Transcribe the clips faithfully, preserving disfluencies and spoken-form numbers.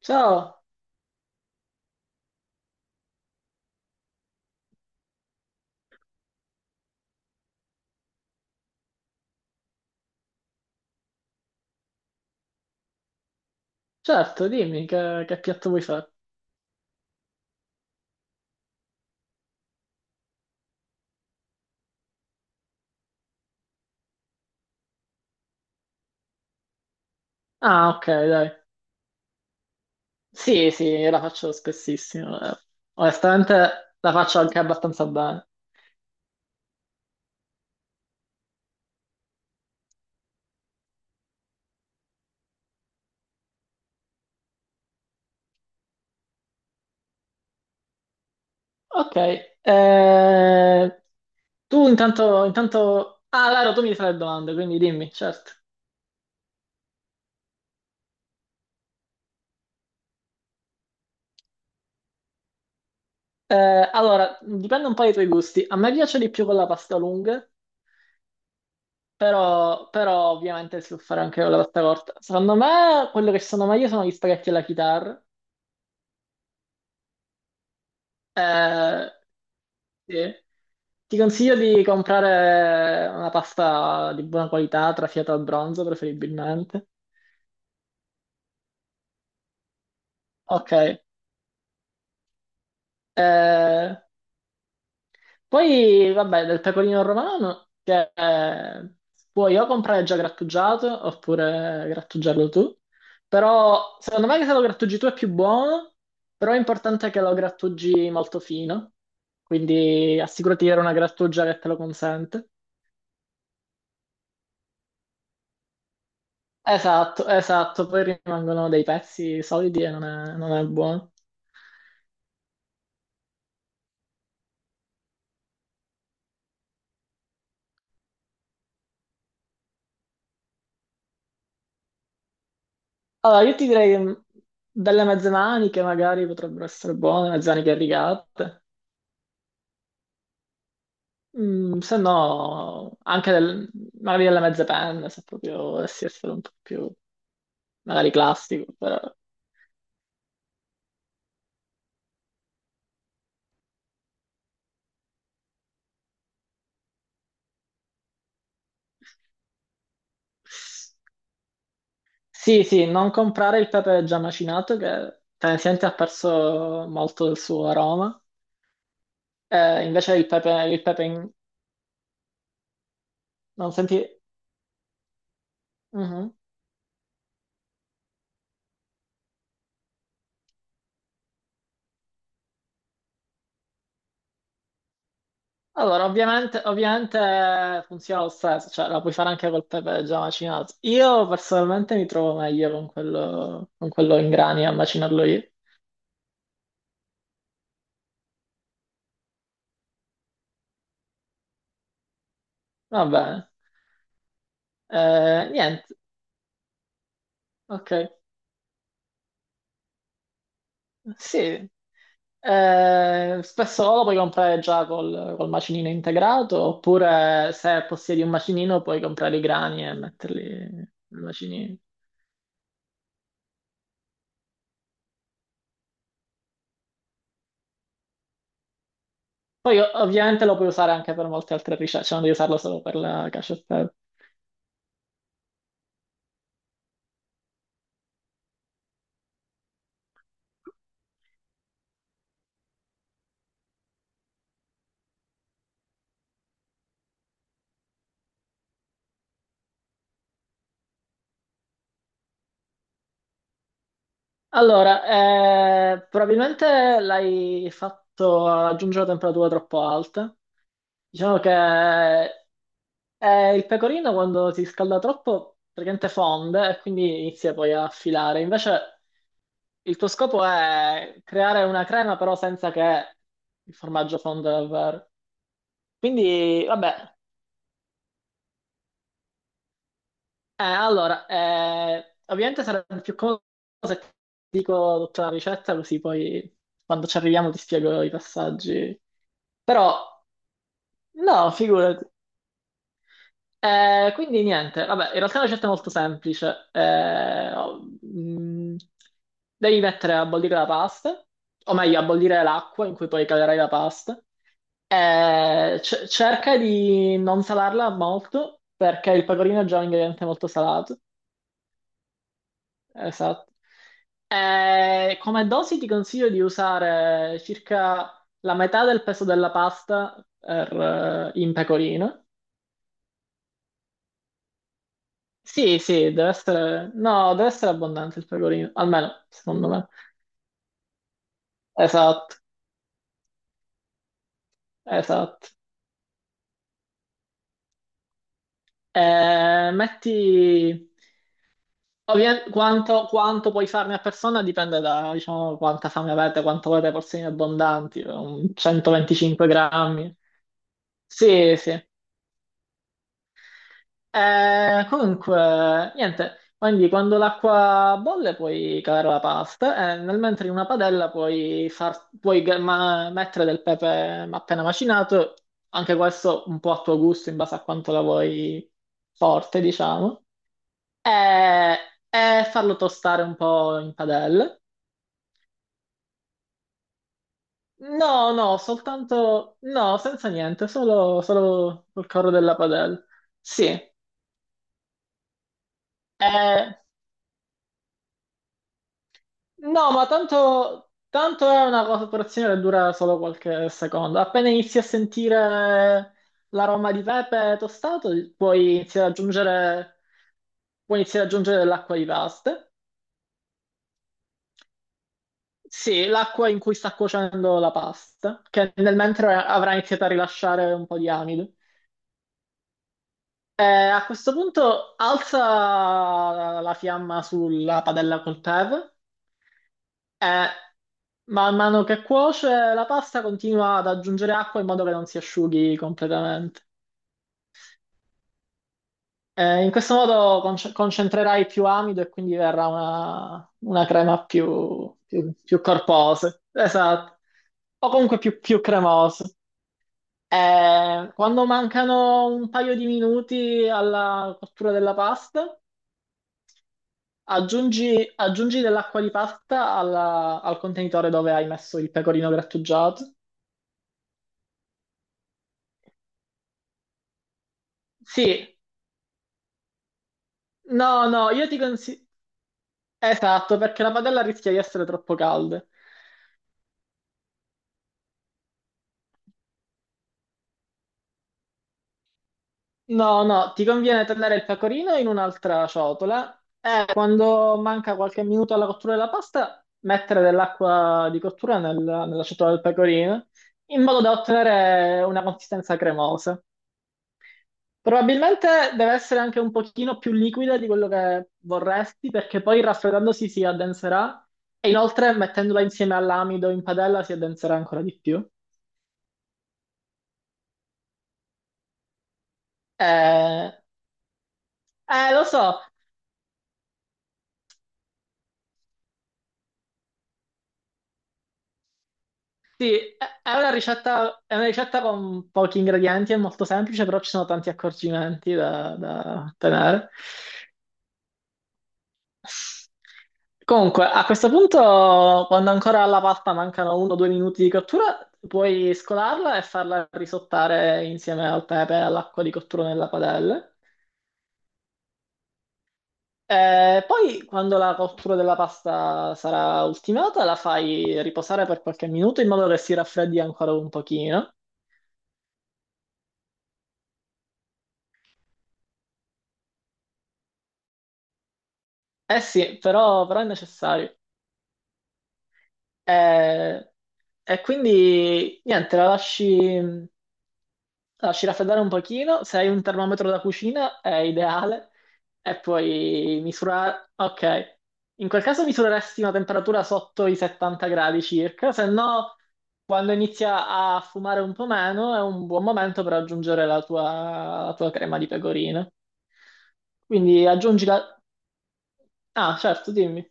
Ciao, certo, dimmi che, che piatto vuoi fare. Ah, ok, dai. Sì, sì, io la faccio spessissimo. eh. Onestamente la faccio anche abbastanza bene. Ok, eh, tu intanto, intanto... Ah, Laro, tu mi fai le domande, quindi dimmi, certo. Eh, allora, dipende un po' dai tuoi gusti. A me piace di più con la pasta lunga, però, però ovviamente si può fare anche con la pasta corta. Secondo me, quello che sono meglio sono gli spaghetti alla chitarra. eh, Sì. Ti consiglio di comprare una pasta di buona qualità, trafiata al bronzo preferibilmente. Ok. Eh, Poi, vabbè, del pecorino romano, che eh, puoi o comprare già grattugiato oppure grattugiarlo tu. Però, secondo me che se lo grattugi tu è più buono, però è importante che lo grattugi molto fino. Quindi assicurati di avere una grattugia che te lo consente. Esatto, esatto, poi rimangono dei pezzi solidi e non è, non è buono. Allora, io ti direi mm, delle mezze maniche magari potrebbero essere buone, mezze maniche rigate. Mm, se no anche del- magari delle mezze penne, se proprio dovessi essere un po' più magari classico, però... Sì, sì, non comprare il pepe già macinato che tendenzialmente ha perso molto del suo aroma. Eh, invece il pepe, il pepe in- non senti. Mhm. Allora, ovviamente, ovviamente funziona lo stesso, cioè la puoi fare anche col pepe già macinato. Io personalmente mi trovo meglio con quello, con quello in grani a macinarlo io. Va bene. Eh, niente, ok. Sì. Eh, spesso lo puoi comprare già col, col macinino integrato, oppure se possiedi un macinino puoi comprare i grani e metterli nel macinino. Poi ov- ovviamente lo puoi usare anche per molte altre ricette, cioè non devi usarlo solo per la cacio e pepe. Allora, eh, probabilmente l'hai fatto raggiungere temperature troppo alte. Diciamo che eh, il pecorino quando si scalda troppo praticamente fonde e quindi inizia poi a filare. Invece il tuo scopo è creare una crema però senza che il formaggio fonda davvero. Quindi, vabbè, Eh, allora, eh, ovviamente sarebbe più comodo se ti dico tutta la ricetta così poi quando ci arriviamo ti spiego i passaggi. Però. No, figurati. Eh, quindi niente, vabbè, in realtà la ricetta è molto semplice. Eh, oh, mm, devi mettere a bollire la pasta, o meglio, a bollire l'acqua in cui poi calerai la pasta. Eh, ce- cerca di non salarla molto, perché il pecorino è già un ingrediente molto salato. Esatto. Eh, come dosi ti consiglio di usare circa la metà del peso della pasta per, eh, in pecorino. Sì, sì, deve essere... no, deve essere abbondante il pecorino, almeno, secondo me. Esatto, esatto. Eh, metti... ovvia- quanto, quanto puoi farne a persona dipende da, diciamo, quanta fame avete, quanto volete porzioni abbondanti, un 125 grammi. Sì, sì. Eh, comunque, niente, quindi quando l'acqua bolle puoi calare la pasta e nel mentre in una padella puoi, far, puoi ga- ma- mettere del pepe appena macinato, anche questo un po' a tuo gusto in base a quanto la vuoi forte, diciamo, e, e farlo tostare un po' in padella. No, no, soltanto, no, senza niente, solo, solo col coro della padella. Sì. eh, No, ma tanto, tanto è una cooperazione che dura solo qualche secondo. Appena inizi a sentire l'aroma di pepe tostato, puoi iniziare ad aggiungere, puoi iniziare ad aggiungere dell'acqua di pasta. Sì, l'acqua in cui sta cuocendo la pasta, che nel mentre avrà iniziato a rilasciare un po' di amido. E a questo punto alza la fiamma sulla padella col tevere. Eh, Man mano che cuoce la pasta continua ad aggiungere acqua in modo che non si asciughi completamente. Eh, in questo modo conce- concentrerai più amido e quindi verrà una, una crema più, più- più corposa. Esatto. O comunque più, più cremosa. Eh, quando mancano un paio di minuti alla cottura della pasta, aggiungi, aggiungi dell'acqua di pasta alla- al contenitore dove hai messo il pecorino grattugiato. Sì. No, no, io ti consiglio... esatto, perché la padella rischia di essere troppo calda. No, no, ti conviene tenere il pecorino in un'altra ciotola e quando manca qualche minuto alla cottura della pasta, mettere dell'acqua di cottura nel- nella ciotola del pecorino in modo da ottenere una consistenza cremosa. Probabilmente deve essere anche un pochino più liquida di quello che vorresti perché poi raffreddandosi si addenserà e inoltre mettendola insieme all'amido in padella si addenserà ancora di più. Eh, eh, lo so, sì, è è una ricetta, è una ricetta con pochi ingredienti, è molto semplice, però ci sono tanti accorgimenti da, da ottenere. Comunque, a questo punto, quando ancora alla pasta mancano uno o due minuti di cottura, puoi scolarla e farla risottare insieme al pepe e all'acqua di cottura nella padella. Eh, poi quando la cottura della pasta sarà ultimata, la fai riposare per qualche minuto in modo che si raffreddi ancora un pochino. Eh sì, però, però è necessario. Eh, e quindi niente, la lasci. Lasci raffreddare un pochino, se hai un termometro da cucina è ideale e poi misurare, ok. In quel caso misureresti una temperatura sotto i settanta gradi circa, se no quando inizia a fumare un po' meno è un buon momento per aggiungere la tua, la tua crema di pecorino. Quindi aggiungi la... Ah, certo, dimmi.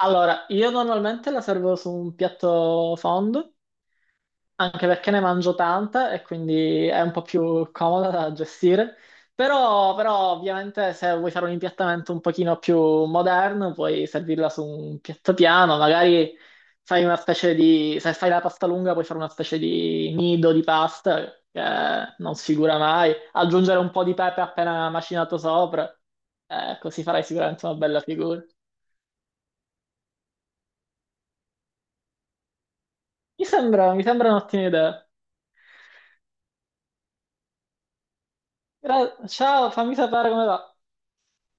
Allora, io normalmente la servo su un piatto fondo anche perché ne mangio tanta e quindi è un po' più comoda da gestire. Però, però ovviamente se vuoi fare un impiattamento un pochino più moderno, puoi servirla su un piatto piano, magari fai una specie di, se fai la pasta lunga, puoi fare una specie di nido di pasta che non sfigura mai, aggiungere un po' di pepe appena macinato sopra, eh, così farai sicuramente una bella figura. Mi sembra, mi sembra un'ottima idea. Gra- Ciao, fammi sapere come va.